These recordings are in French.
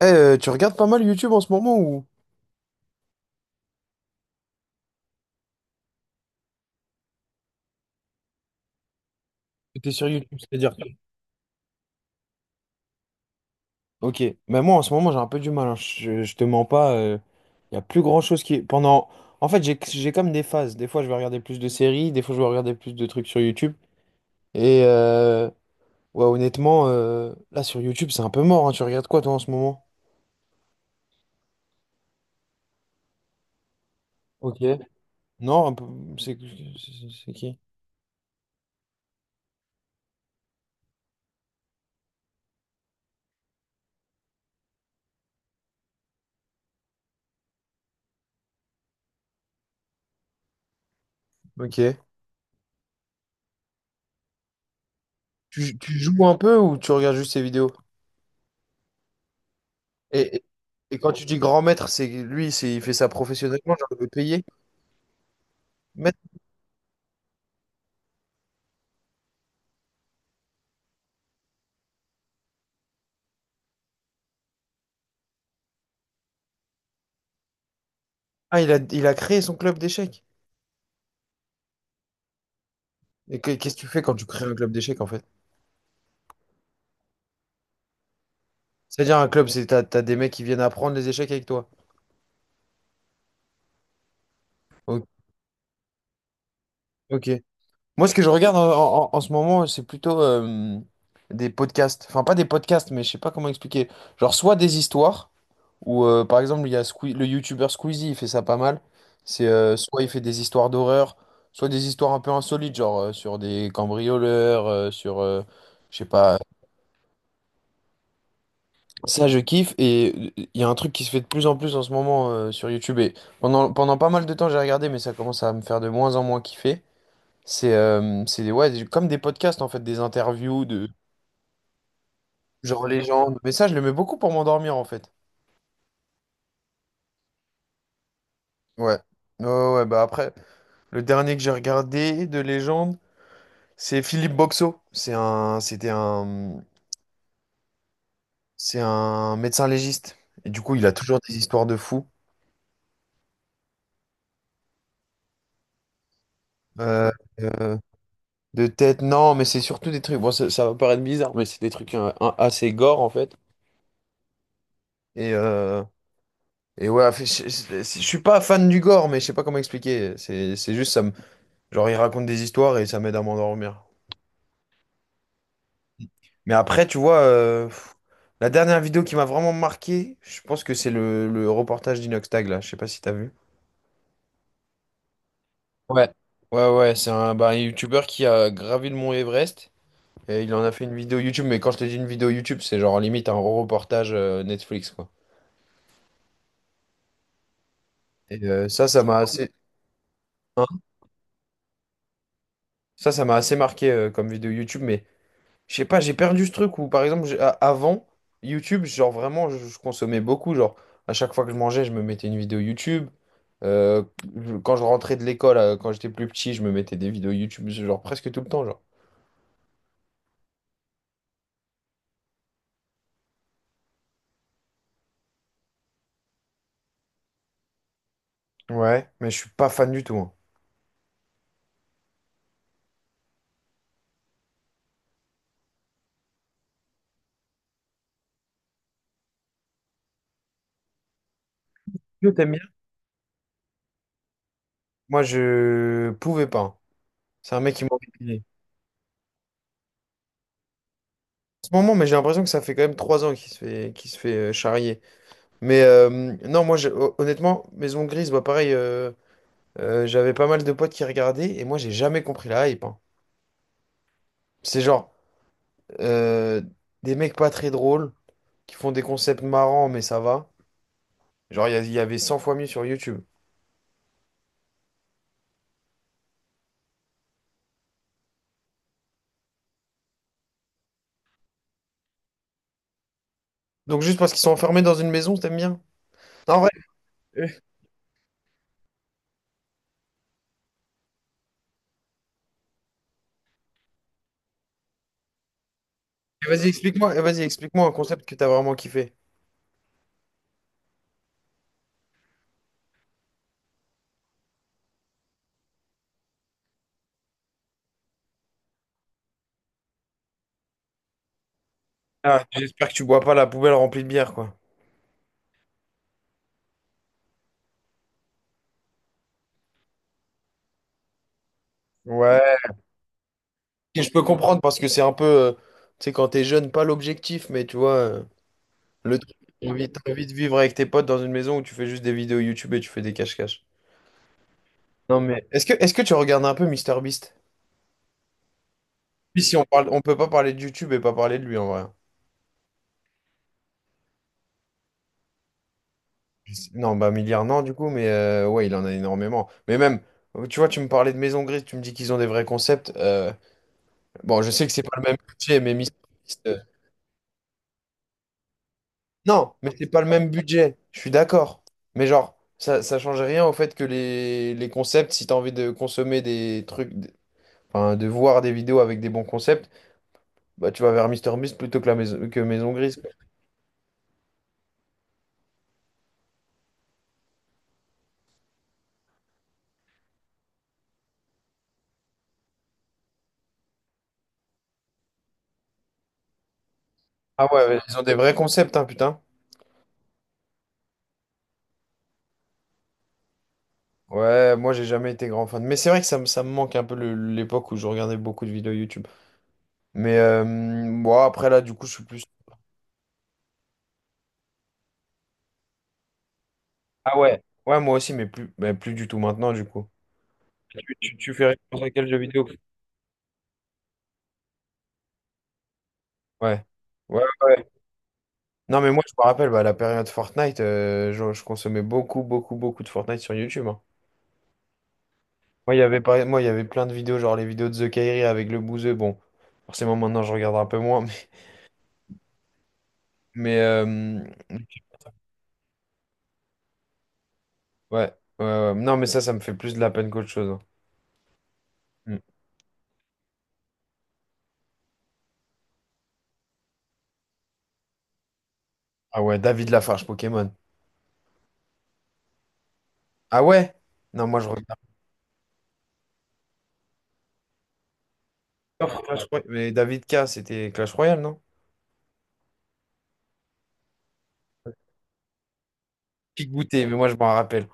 Eh, tu regardes pas mal YouTube en ce moment ou t'es sur YouTube, Ok, mais moi en ce moment j'ai un peu du mal, hein. Je te mens pas, il y a plus grand-chose En fait, j'ai comme des phases, des fois je vais regarder plus de séries, des fois je vais regarder plus de trucs sur YouTube, et ouais, honnêtement, là sur YouTube c'est un peu mort, hein. Tu regardes quoi, toi, en ce moment? Ok. Non, un peu- c'est qui? Ok. Tu joues un peu ou tu regardes juste ses vidéos? Et, et et quand tu dis grand maître, c'est lui, c'est il fait ça professionnellement, genre le payer. Ah, il a créé son club d'échecs. Qu'est-ce que tu fais quand tu crées un club d'échecs, en fait? C'est-à-dire un club, c'est t'as des mecs qui viennent apprendre les échecs avec toi. O- Ok. Moi, ce que je regarde en ce moment, c'est plutôt des podcasts. Enfin, pas des podcasts, mais je sais pas comment expliquer. Genre, soit des histoires, où par exemple, il y a le youtubeur Squeezie, il fait ça pas mal. C'est soit il fait des histoires d'horreur, soit des histoires un peu insolites, genre sur des cambrioleurs, je sais pas. Ça, je kiffe. Et il y a un truc qui se fait de plus en plus en ce moment sur YouTube. Et pendant pas mal de temps, j'ai regardé, mais ça commence à me faire de moins en moins kiffer. C'est ouais, comme des podcasts, en fait, des interviews de genre légendes. Mais ça, je le mets beaucoup pour m'endormir, en fait. Ouais. Ouais, ouais, ouais, bah après, le dernier que j'ai regardé de légende, c'est Philippe Boxo. C'est un médecin légiste. Et du coup, il a toujours des histoires de fous. Euh, euh, De tête, non, mais c'est surtout des trucs. Bon, ça va paraître bizarre, mais c'est des trucs assez gore, en fait. Et, euh, je suis pas fan du gore, mais je sais pas comment expliquer. C'est juste, genre, ils racontent des histoires et ça m'aide à m'endormir. Mais après, tu vois, la dernière vidéo qui m'a vraiment marqué, je pense que c'est le reportage d'Inoxtag, là. Je sais pas si t'as vu. Ouais. Ouais, ouais, c'est un youtubeur qui a gravi le mont Everest et il en a fait une vidéo YouTube. Mais quand je te dis une vidéo YouTube, c'est genre limite un reportage Netflix, quoi. Et hein, ça m'a assez marqué comme vidéo YouTube, mais je sais pas, j'ai perdu ce truc où, par exemple, avant YouTube, genre vraiment, je consommais beaucoup. Genre, à chaque fois que je mangeais, je me mettais une vidéo YouTube. Euh, Quand je rentrais de l'école, quand j'étais plus petit, je me mettais des vidéos YouTube, genre presque tout le temps, genre. Ouais, mais je suis pas fan du tout, hein. Yo, t'aimes bien? Moi, je pouvais pas, hein. C'est un mec qui m'a En ce moment, mais j'ai l'impression que ça fait quand même 3 ans qu'il se fait charrier. Mais non, moi, honnêtement, Maison Grise, bah, pareil, j'avais pas mal de potes qui regardaient et moi, j'ai jamais compris la hype, hein. C'est genre euh, des mecs pas très drôles qui font des concepts marrants, mais ça va. Genre, il y avait 100 fois mieux sur YouTube. Donc, juste parce qu'ils sont enfermés dans une maison, t'aimes bien? Non, en vrai, euh, vas-y, explique-moi un concept que t'as vraiment kiffé. Ah, j'espère que tu bois pas la poubelle remplie de bière, quoi. Ouais. Et je peux comprendre parce que c'est un peu, tu sais, quand t'es jeune, pas l'objectif, mais tu vois, le truc, t'as envie de vivre avec tes potes dans une maison où tu fais juste des vidéos YouTube et tu fais des cache-cache. Non, mais est-ce que tu regardes un peu MrBeast? Puis si on parle, on peut pas parler de YouTube et pas parler de lui, en vrai. Je sais- non, bah milliard non, du coup, mais ouais, il en a énormément. Mais même, tu vois, tu me parlais de Maison Grise, tu me dis qu'ils ont des vrais concepts. Bon, je sais que c'est pas le même budget, mais MrBeast. Non, mais c'est pas le même budget, je suis d'accord. Mais genre, ça change rien au fait que les concepts, si t'as envie de consommer des trucs. Enfin, de voir des vidéos avec des bons concepts, bah tu vas vers MrBeast plutôt que la maison que Maison Grise. Ah ouais, ils ont des vrais concepts, hein, putain. Ouais, moi j'ai jamais été grand fan. Mais c'est vrai que ça me manque un peu l'époque où je regardais beaucoup de vidéos YouTube. Mais bon, après là, du coup, je suis plus. Ah ouais. Ouais, moi aussi, mais plus du tout maintenant, du coup. Tu fais référence à quel jeu vidéo? Ouais. Ouais, ouais. Non, mais moi, je me rappelle, bah, la période Fortnite, je consommais beaucoup, beaucoup, beaucoup de Fortnite sur YouTube, hein. Moi, il y avait pas... Moi, il y avait plein de vidéos, genre les vidéos de The Kairi avec le bouseux. Bon, forcément, maintenant, je regarde un peu moins. Ouais. Ouais, ouais. Non, mais ça me fait plus de la peine qu'autre chose, hein. Mm. Ah ouais, David Lafarge, Pokémon. Ah ouais? Non, moi, je regarde encore Clash Royale. Mais David K, c'était Clash Royale, non? Pique goûter, mais moi, je m'en rappelle.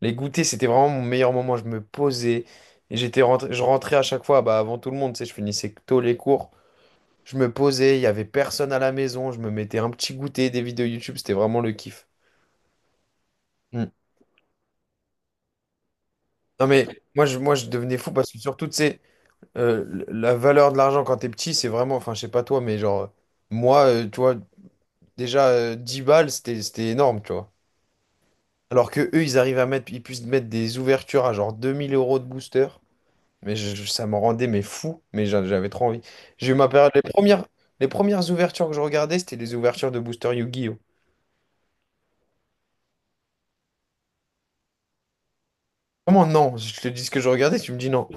Les goûters, c'était vraiment mon meilleur moment. Je me posais. Je rentrais à chaque fois, bah, avant tout le monde, tu sais, je finissais tôt les cours. Je me posais, il y avait personne à la maison. Je me mettais un petit goûter, des vidéos YouTube. C'était vraiment le kiff. Mm. Non, mais moi je devenais fou parce que, surtout, tu sais, euh, la valeur de l'argent quand t'es petit, c'est vraiment, enfin, je sais pas toi, mais genre, moi, tu vois, déjà 10 balles c'était énorme, tu vois, alors que eux ils puissent mettre des ouvertures à genre 2000 euros de booster, mais ça m'en rendait mais fou, mais j'avais trop envie. J'ai eu ma période, les premières ouvertures que je regardais, c'était les ouvertures de booster Yu-Gi-Oh! Comment non? Je te dis ce que je regardais, tu me dis non.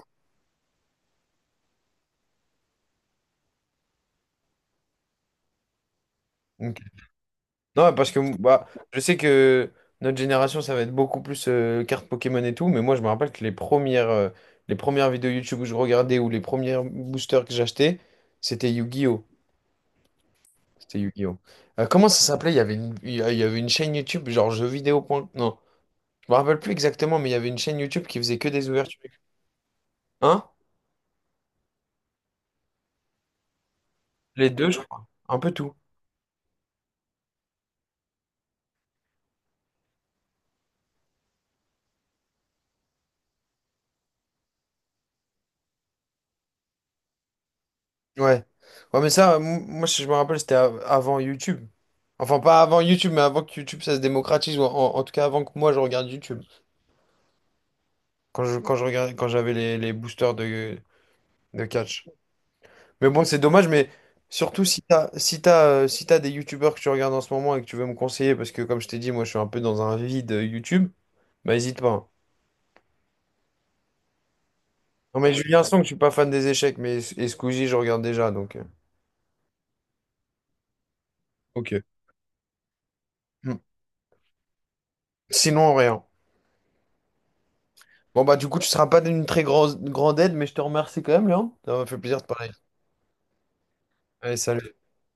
Non, parce que bah, je sais que notre génération, ça va être beaucoup plus cartes Pokémon et tout, mais moi, je me rappelle que les premières vidéos YouTube que je regardais ou les premiers boosters que j'achetais, c'était Yu-Gi-Oh! C'était Yu-Gi-Oh! Comment ça s'appelait? Il y avait une chaîne YouTube, genre jeux vidéo. Non, je me rappelle plus exactement, mais il y avait une chaîne YouTube qui faisait que des ouvertures. Hein? Les deux, je crois. Un peu tout. Ouais. Ouais, mais ça, moi, si je me rappelle, c'était avant YouTube. Enfin, pas avant YouTube, mais avant que YouTube, ça se démocratise, ou en tout cas, avant que moi, je regarde YouTube. Quand je regardais, quand j'avais les boosters de catch. Mais bon, c'est dommage, mais surtout si si t'as des YouTubeurs que tu regardes en ce moment et que tu veux me conseiller, parce que, comme je t'ai dit, moi, je suis un peu dans un vide YouTube, bah, hésite pas, hein. Non, mais Julien Song, je suis pas fan des échecs, mais et Squeezie, je regarde déjà, donc Ok. Hmm. Sinon, rien. Bon, bah, du coup, tu seras pas d'une très grosse grande aide, mais je te remercie quand même, Léon. Ça m'a fait plaisir de parler. Allez, salut.